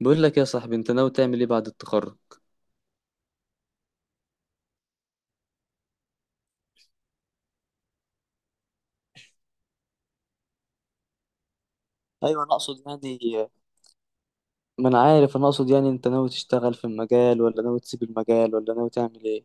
بقول لك يا صاحبي، انت ناوي تعمل ايه بعد التخرج؟ ايوه، انا اقصد يعني ما انا عارف، انا اقصد يعني انت ناوي تشتغل في المجال ولا ناوي تسيب المجال ولا ناوي تعمل ايه؟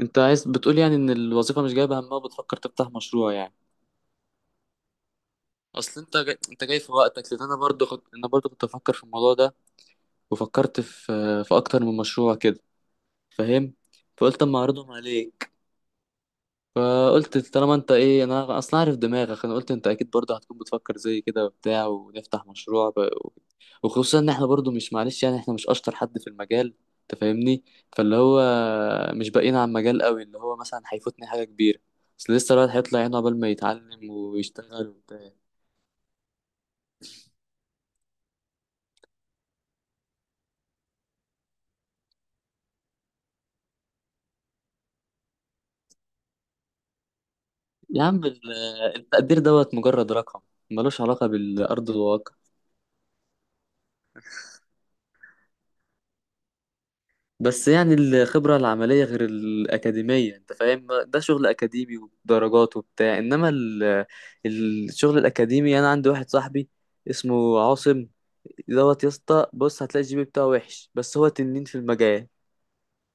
انت عايز بتقول يعني ان الوظيفه مش جايبه همها وبتفكر تفتح مشروع يعني؟ اصل انت جاي في وقتك، لان انا برضو كنت افكر في الموضوع ده، وفكرت في اكتر من مشروع كده، فاهم؟ فقلت اما اعرضهم عليك. فقلت طالما انت ايه، انا اصلا عارف دماغك. انا قلت انت اكيد برضه هتكون بتفكر زي كده وبتاع، ونفتح مشروع بقى وخصوصا ان احنا برضه، مش معلش يعني، احنا مش اشطر حد في المجال، انت فاهمني. فاللي هو مش باقيين على المجال قوي اللي هو مثلا هيفوتني حاجه كبيره. اصل لسه الواحد هيطلع عينه عقبال ما يتعلم ويشتغل وبتاع. يا عم التقدير دوت مجرد رقم، ملوش علاقه بالارض الواقع. بس يعني الخبرة العملية غير الأكاديمية، أنت فاهم؟ ده شغل أكاديمي ودرجات وبتاع، إنما الشغل الأكاديمي، أنا عندي واحد صاحبي اسمه عاصم دوت، يا اسطى بص، هتلاقي الجي بي بتاعه وحش، بس هو تنين في المجال.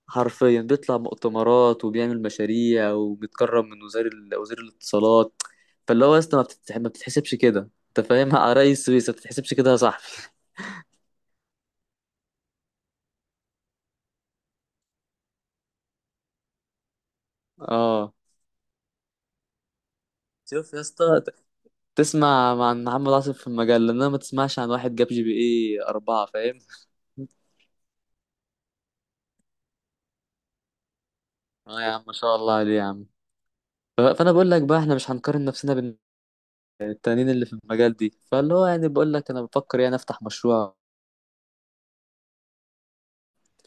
حرفيا بيطلع مؤتمرات وبيعمل مشاريع وبيتكرم من وزير الاتصالات. فاللي هو يا اسطى، ما بتتحسبش كده، أنت فاهم؟ رئيس سويسرا ما بتتحسبش كده يا صاحبي. اه. شوف يا اسطى، تسمع عن محمد عاصم في المجال، لأنها ما تسمعش عن واحد جاب جي بي ايه أربعة، فاهم. اه يا عم، ما شاء الله عليه يا عم. فأنا بقول لك بقى احنا مش هنقارن نفسنا بين التانيين اللي في المجال دي، فاللي هو يعني بقول لك، أنا بفكر يعني أفتح مشروع،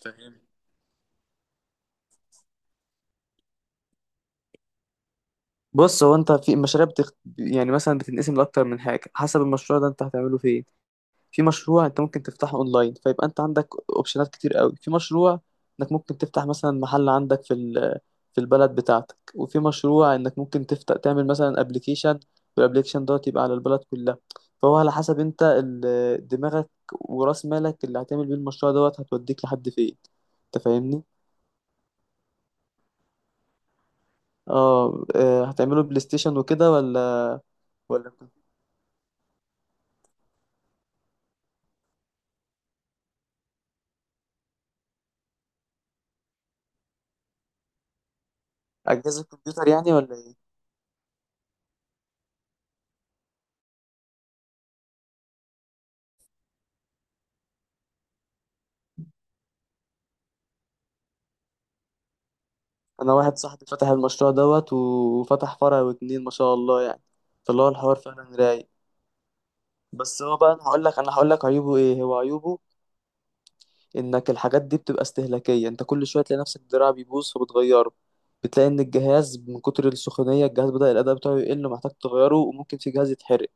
فاهم. بص، هو انت في يعني مثلا بتنقسم لاكتر من حاجه، حسب المشروع ده انت هتعمله فين. في مشروع انت ممكن تفتحه اونلاين، فيبقى انت عندك اوبشنات كتير قوي. في مشروع انك ممكن تفتح مثلا محل عندك في البلد بتاعتك، وفي مشروع انك ممكن تفتح تعمل مثلا ابلكيشن، والابلكيشن دوت يبقى على البلد كلها. فهو على حسب انت دماغك وراس مالك اللي هتعمل بيه المشروع دوت، هتوديك لحد فين، انت فاهمني؟ اه هتعمله بلاي ستيشن وكده ولا؟ ولا اجهزه كمبيوتر يعني، ولا ايه؟ انا واحد صاحبي فتح المشروع دوت وفتح فرع واتنين، ما شاء الله يعني، فاللي هو الحوار فعلا رايق. بس هو بقى، انا هقول لك عيوبه ايه. هو عيوبه انك الحاجات دي بتبقى استهلاكية، انت كل شوية تلاقي نفسك الدراع بيبوظ فبتغيره. بتلاقي ان الجهاز من كتر السخونية الجهاز بدأ الأداء بتاعه يقل ومحتاج تغيره، وممكن في جهاز يتحرق.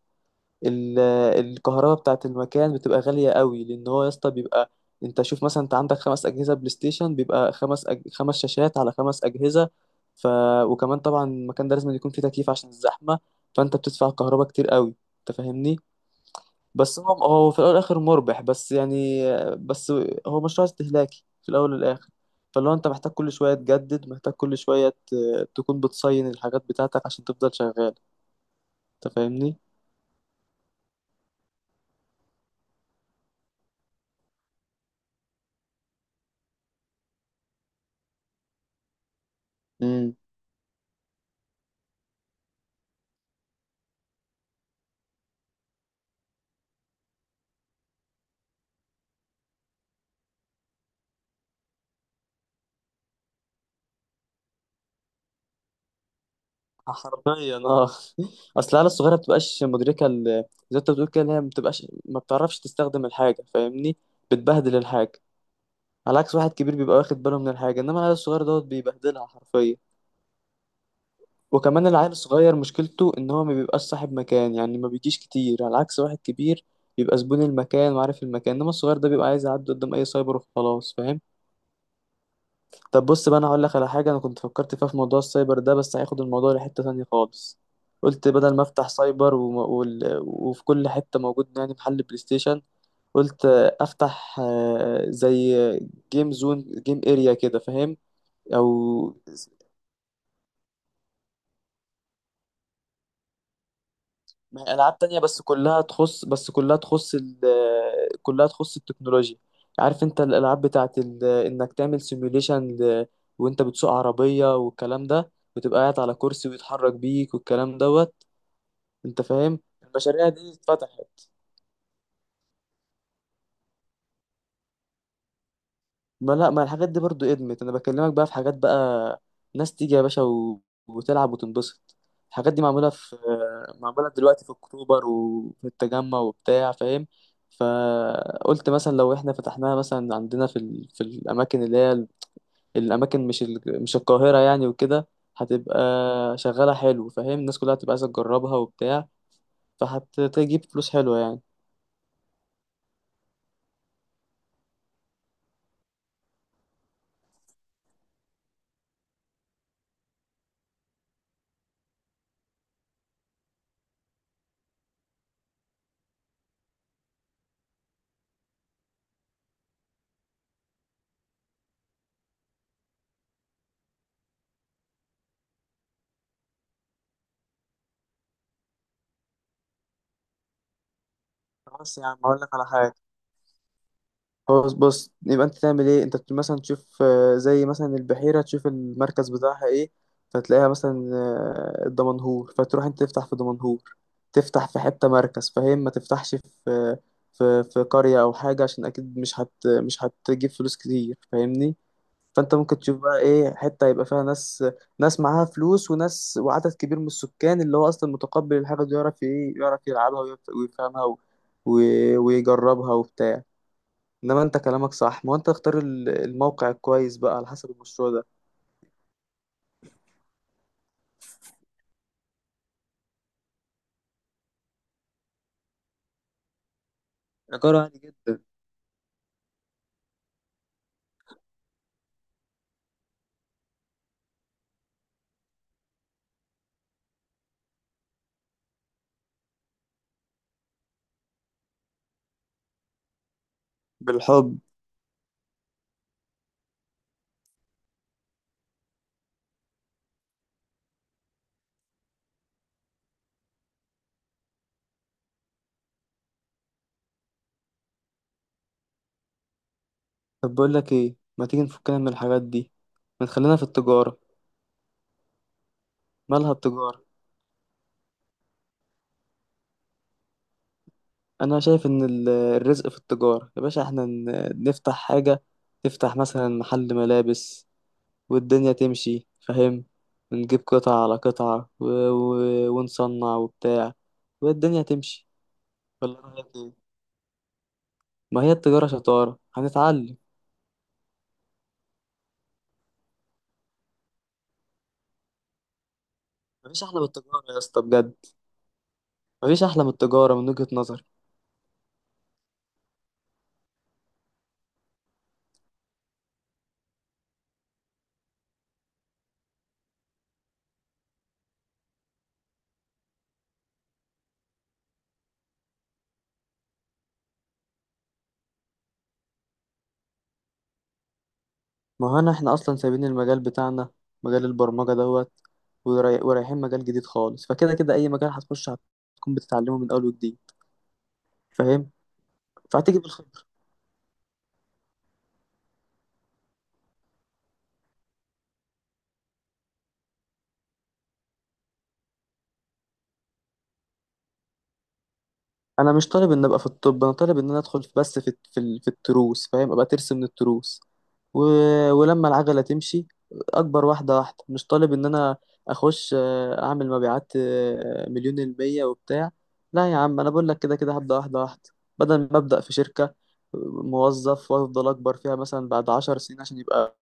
ال- الكهرباء بتاعة المكان بتبقى غالية قوي، لأن هو يا اسطى بيبقى، انت شوف مثلا، انت عندك 5 أجهزة بلاي ستيشن، بيبقى 5 شاشات على 5 أجهزة. ف... وكمان طبعا المكان ده لازم يكون فيه تكييف عشان الزحمة، فانت بتدفع كهرباء كتير قوي، انت فاهمني. بس هو في الاول والاخر مربح، بس يعني، بس هو مشروع استهلاكي في الاول والاخر. فلو انت محتاج كل شويه تجدد، محتاج كل شويه تكون بتصين الحاجات بتاعتك عشان تفضل شغال، انت فاهمني؟ امم. حرفيا اه. اصل العيال الصغيره ما بتبقاش مدركه، زي ما انت بتقول كده، إن هي ما بتبقاش، ما بتعرفش تستخدم الحاجه، فاهمني. بتبهدل الحاجه، على عكس واحد كبير بيبقى واخد باله من الحاجه، انما العيال الصغير دوت بيبهدلها حرفيا. وكمان العيل الصغير مشكلته ان هو ما بيبقاش صاحب مكان يعني، ما بيجيش كتير، على عكس واحد كبير بيبقى زبون المكان وعارف المكان، انما الصغير ده بيبقى عايز يعدي قدام اي سايبر وخلاص، فاهم. طب بص بقى، انا هقول لك على حاجه انا كنت فكرت فيها في موضوع السايبر ده، بس هياخد الموضوع لحته تانية خالص. قلت بدل ما افتح سايبر وفي كل حته موجود يعني محل بلاي ستيشن، قلت افتح زي جيم زون جيم اريا كده، فاهم. او ما هي ألعاب تانية، بس كلها تخص كلها تخص التكنولوجيا. عارف انت الألعاب بتاعت انك تعمل سيميوليشن وانت بتسوق عربية والكلام ده، وتبقى قاعد على كرسي ويتحرك بيك والكلام دوت، انت فاهم المشاريع دي اتفتحت. ما لا، ما الحاجات دي برضو ادمت، انا بكلمك بقى في حاجات بقى، ناس تيجي يا باشا و... وتلعب وتنبسط. الحاجات دي معمولة دلوقتي في اكتوبر وفي التجمع وبتاع، فاهم. فقلت مثلا لو احنا فتحناها مثلا عندنا في في الاماكن اللي هي الاماكن، مش مش القاهرة يعني وكده، هتبقى شغالة حلو، فاهم، الناس كلها هتبقى عايزة تجربها وبتاع، فهتجيب فلوس حلوة يعني. خلاص يا عم هقول لك على حاجة، خلاص بص، يبقى انت تعمل ايه، انت مثلا تشوف زي مثلا البحيرة، تشوف المركز بتاعها ايه، فتلاقيها مثلا الدمنهور، فتروح انت تفتح في دمنهور، تفتح في حتة مركز، فاهم، ما تفتحش في في قرية او حاجة، عشان اكيد مش هتجيب فلوس كتير، فاهمني. فانت ممكن تشوف بقى ايه حتة يبقى فيها ناس، ناس معاها فلوس، وناس وعدد كبير من السكان اللي هو اصلا متقبل الحاجة دي، يعرف ايه، يعرف يلعبها ويفهمها ويجربها وبتاع. انما انت كلامك صح، ما هو انت تختار الموقع الكويس بقى على حسب المشروع ده. ايجاره عالي جدا. بالحب. طب بقول لك ايه، ما تيجي نفكنا من الحاجات دي، ما تخلينا في التجارة. مالها التجارة؟ انا شايف ان الرزق في التجارة يا باشا، احنا نفتح حاجة، نفتح مثلا محل ملابس والدنيا تمشي، فاهم، ونجيب قطعة على قطعة و... و... ونصنع وبتاع، والدنيا تمشي. ولا رأيك ايه؟ ما هي التجارة شطارة، هنتعلم. مفيش احلى من التجارة يا اسطى، بجد، مفيش أحلى من التجارة من وجهة نظري. ما هو أنا، إحنا أصلا سايبين المجال بتاعنا، مجال البرمجة دوت، ورايحين مجال جديد خالص، فكده كده أي مجال هتخش هتكون بتتعلمه من أول وجديد، فاهم، فهتيجي بالخبرة. أنا مش طالب إن أبقى في الطب، أنا طالب إن أنا أدخل بس في التروس، فاهم، أبقى ترس من التروس، و... ولما العجلة تمشي أكبر واحدة واحدة، مش طالب إن أنا أخش أعمل مبيعات مليون المية وبتاع. لا يا عم، أنا بقول لك كده كده هبدأ واحدة واحدة، بدل ما أبدأ في شركة موظف وأفضل أكبر فيها مثلا بعد 10 سنين عشان يبقى.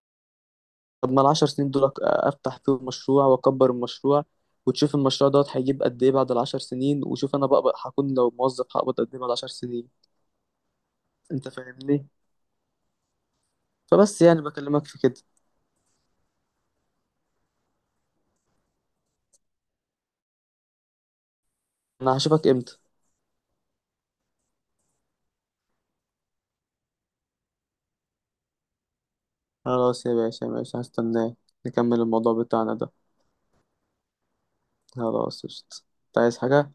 طب ما العشر سنين دول أفتح فيهم مشروع وأكبر المشروع، وتشوف المشروع دوت هيجيب قد إيه بعد العشر سنين، وشوف أنا بقى هكون لو موظف هقبض قد إيه بعد العشر سنين، أنت فاهمني؟ فبس يعني بكلمك في كده. أنا هشوفك إمتى؟ خلاص يا باشا ماشي، هستناك، نكمل الموضوع بتاعنا ده. خلاص قشطة. أنت عايز حاجة؟